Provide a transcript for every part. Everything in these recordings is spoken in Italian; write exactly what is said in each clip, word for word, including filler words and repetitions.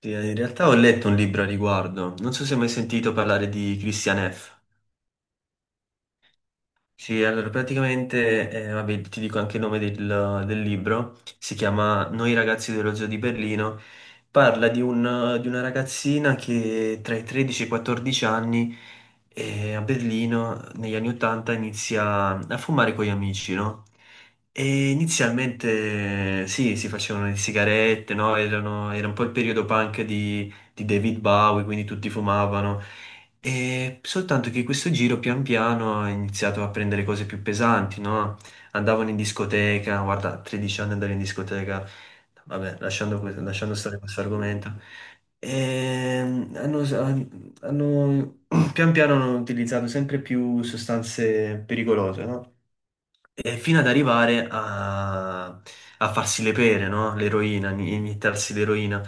Sì, in realtà ho letto un libro a riguardo, non so se hai mai sentito parlare di Christian F. Sì, allora praticamente, eh, vabbè, ti dico anche il nome del, del libro, si chiama Noi ragazzi dello zoo di Berlino, parla di, un- di una ragazzina che tra i tredici e i quattordici anni eh, a Berlino negli anni ottanta inizia a fumare con gli amici, no? E inizialmente sì, si facevano le sigarette, no? Erano- era un po' il periodo punk di, di David Bowie, quindi tutti fumavano. E soltanto che questo giro pian piano ha iniziato a prendere cose più pesanti, no? Andavano in discoteca, guarda, a tredici anni andare in discoteca, vabbè, lasciando, que- lasciando stare questo argomento. Ehm, hanno, hanno- Pian piano hanno utilizzato sempre più sostanze pericolose, no? E fino ad arrivare a, a farsi le pere, no? L'eroina, in- iniettarsi l'eroina.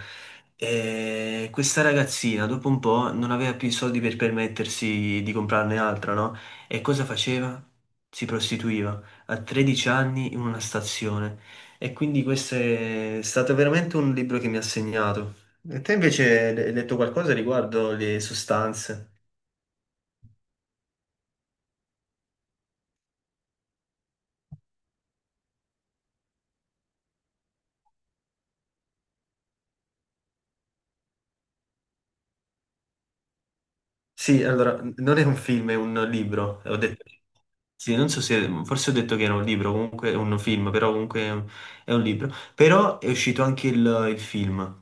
E questa ragazzina, dopo un po', non aveva più i soldi per permettersi di comprarne altra, no? E cosa faceva? Si prostituiva a tredici anni in una stazione. E quindi questo è stato veramente un libro che mi ha segnato. E te invece hai hai letto qualcosa riguardo le sostanze? Sì, allora, non è un film, è un libro. Ho detto, sì, non so se, forse ho detto che era un libro, comunque è un film, però comunque è un è un libro. Però è uscito anche il, il film.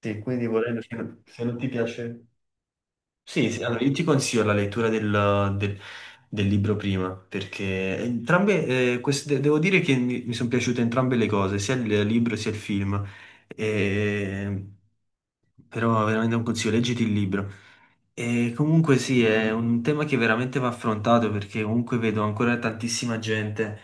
Sì, quindi volendo, se non se non ti piace... Sì, sì, allora io ti consiglio la lettura del, del- del libro prima, perché entrambe, eh, queste- devo dire che mi, mi sono piaciute entrambe le cose, sia il libro sia il film. E- però veramente un consiglio, leggiti il libro. E comunque sì, è un tema che veramente va affrontato perché comunque vedo ancora tantissima gente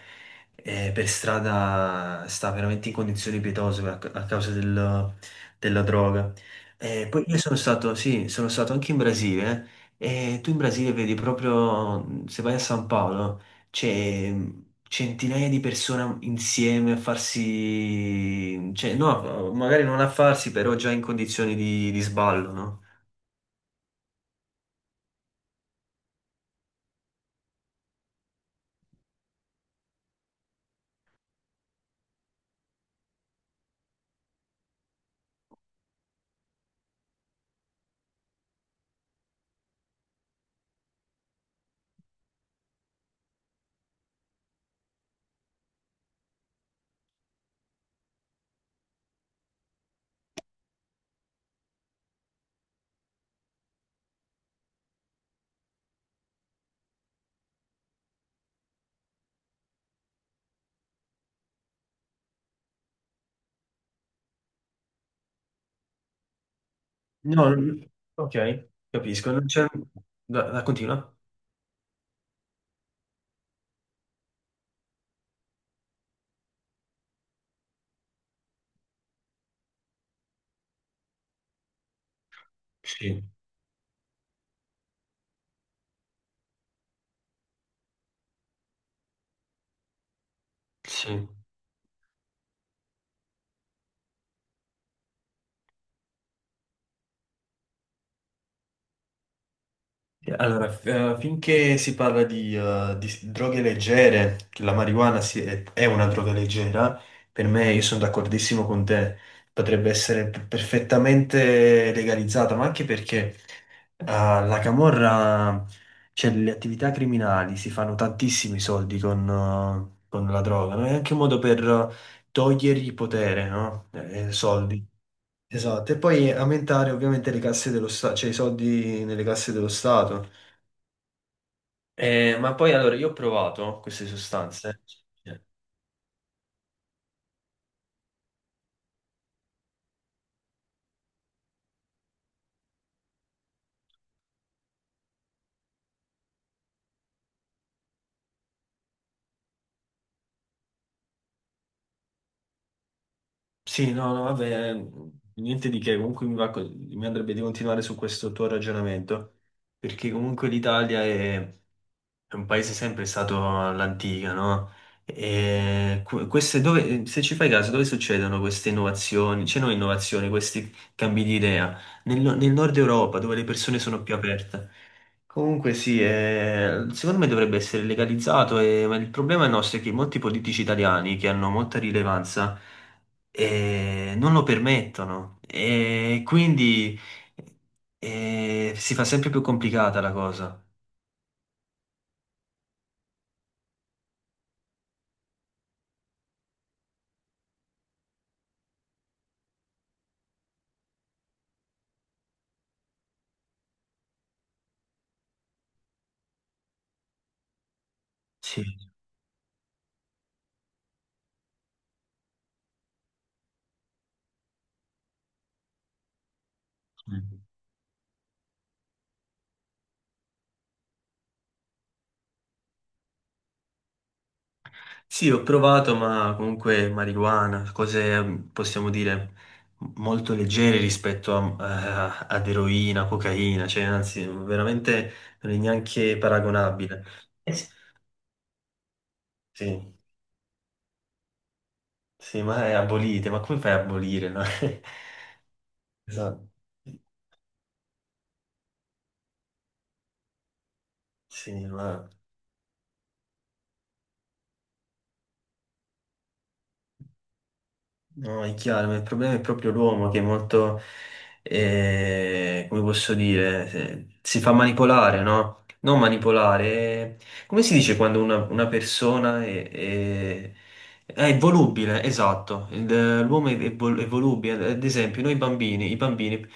eh, per strada sta veramente in condizioni pietose a, a causa del- della droga. Eh, poi io sono stato, sì, sono stato anche in Brasile eh, e tu in Brasile vedi proprio, se vai a San Paolo, c'è centinaia di persone insieme a farsi, cioè no, magari non a farsi, però già in condizioni di, di sballo, no? No, non- ok, capisco. Non c'è... Da, da- continua? Sì, sì. Allora, f- eh, finché si parla di, eh, di s- droghe leggere, che la marijuana si- è è una droga leggera, per me io sono d'accordissimo con te, potrebbe essere p- perfettamente legalizzata, ma anche perché eh, la camorra, cioè le attività criminali, si fanno tantissimi soldi con, eh, con la droga, no? È anche un modo per eh, togliergli potere, no? Eh, soldi. Esatto, e poi aumentare ovviamente le casse dello Stato, cioè i soldi nelle casse dello Stato. Eh, ma poi allora io ho provato queste sostanze. Eh, Sì, no, no, vabbè, niente di che, comunque mi va co- mi andrebbe di continuare su questo tuo ragionamento, perché comunque l'Italia è È un paese sempre stato all'antica, no? E que- queste dove, se ci fai caso, dove succedono queste innovazioni? C'è non innovazioni, questi cambi di idea? Nel, nel nord Europa, dove le persone sono più aperte. Comunque sì, eh, secondo me dovrebbe essere legalizzato, eh, ma il problema nostro è che molti politici italiani, che hanno molta rilevanza, eh, non lo permettono. E quindi eh, si fa sempre più complicata la cosa. Sì. Sì, ho provato, ma comunque marijuana, cose mm, possiamo dire molto leggere rispetto a, a- ad eroina, cocaina, cioè anzi, veramente non è neanche paragonabile. Eh sì. Sì, sì, ma è abolite, ma come fai a abolire? No? Esatto. Sì, ma... No, è chiaro, ma il problema è proprio l'uomo che è molto, eh, come posso dire, se- si fa manipolare, no? Non manipolare, eh, come si dice quando una, una persona è, è- è volubile, esatto. Il- l'uomo è, è vol- è volubile, ad esempio noi bambini, i bambini,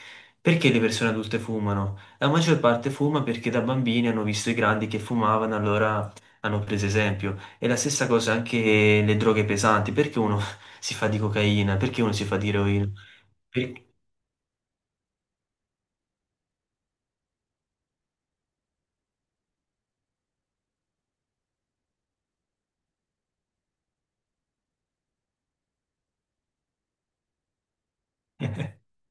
perché le persone adulte fumano? La maggior parte fuma perché da bambini hanno visto i grandi che fumavano, allora hanno preso esempio. E la stessa cosa anche le droghe pesanti, perché uno si fa di cocaina, perché uno si fa di eroina? Per-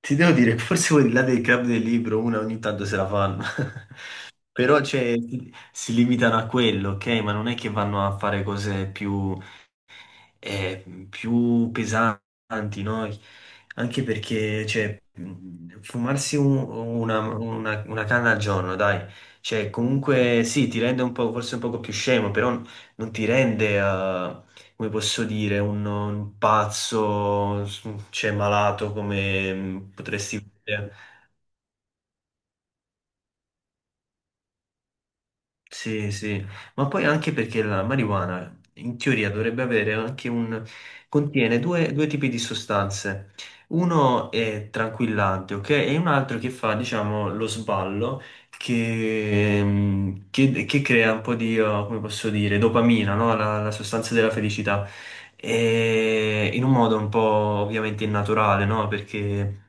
Ti devo dire, che forse quelli là del club del libro, una ogni tanto se la fanno, però cioè, si limitano a quello, ok? Ma non è che vanno a fare cose più... eh, più pesanti, no? Anche perché, cioè, mh, fumarsi un- una, una- una canna al giorno, dai, cioè, comunque sì, ti rende un po', forse un poco più scemo, però non ti rende, eh, come posso dire, un, un pazzo, cioè, malato come mh, potresti... Sì, sì, ma poi anche perché la marijuana in teoria dovrebbe avere anche un... contiene due, due tipi di sostanze. Uno è tranquillante, ok? E un altro che fa, diciamo, lo sballo che, mm, che- che crea un po' di, oh, come posso dire, dopamina, no? La, la sostanza della felicità. E in un modo un po' ovviamente innaturale, no? Perché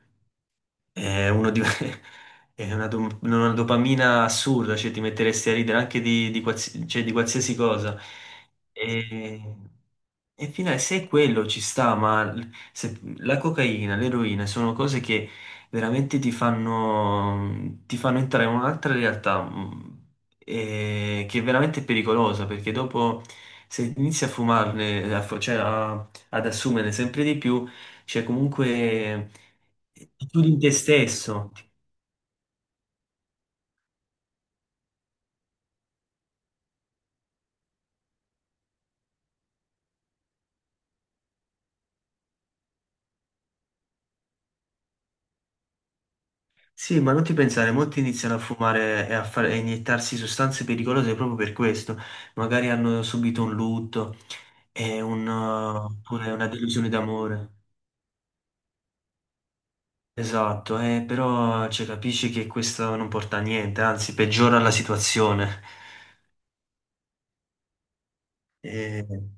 è, uno di- è una, dom- una dopamina assurda, cioè ti metteresti a ridere anche di, di quals- cioè, di qualsiasi cosa. E, e finale, se è quello ci sta, ma l- se- la cocaina, l'eroina sono cose che veramente ti fanno, ti fanno entrare in un'altra realtà mh, e- che è veramente pericolosa, perché dopo se inizi a fumarne, a fu- cioè a- ad assumerne sempre di più, c'è comunque chiudi in te stesso. Sì, ma non ti pensare, molti iniziano a fumare e a, fare, a iniettarsi sostanze pericolose proprio per questo. Magari hanno subito un lutto e un, eh, oppure una delusione d'amore. Esatto, eh, però cioè, capisci che questo non porta a niente, anzi peggiora la situazione. Eh,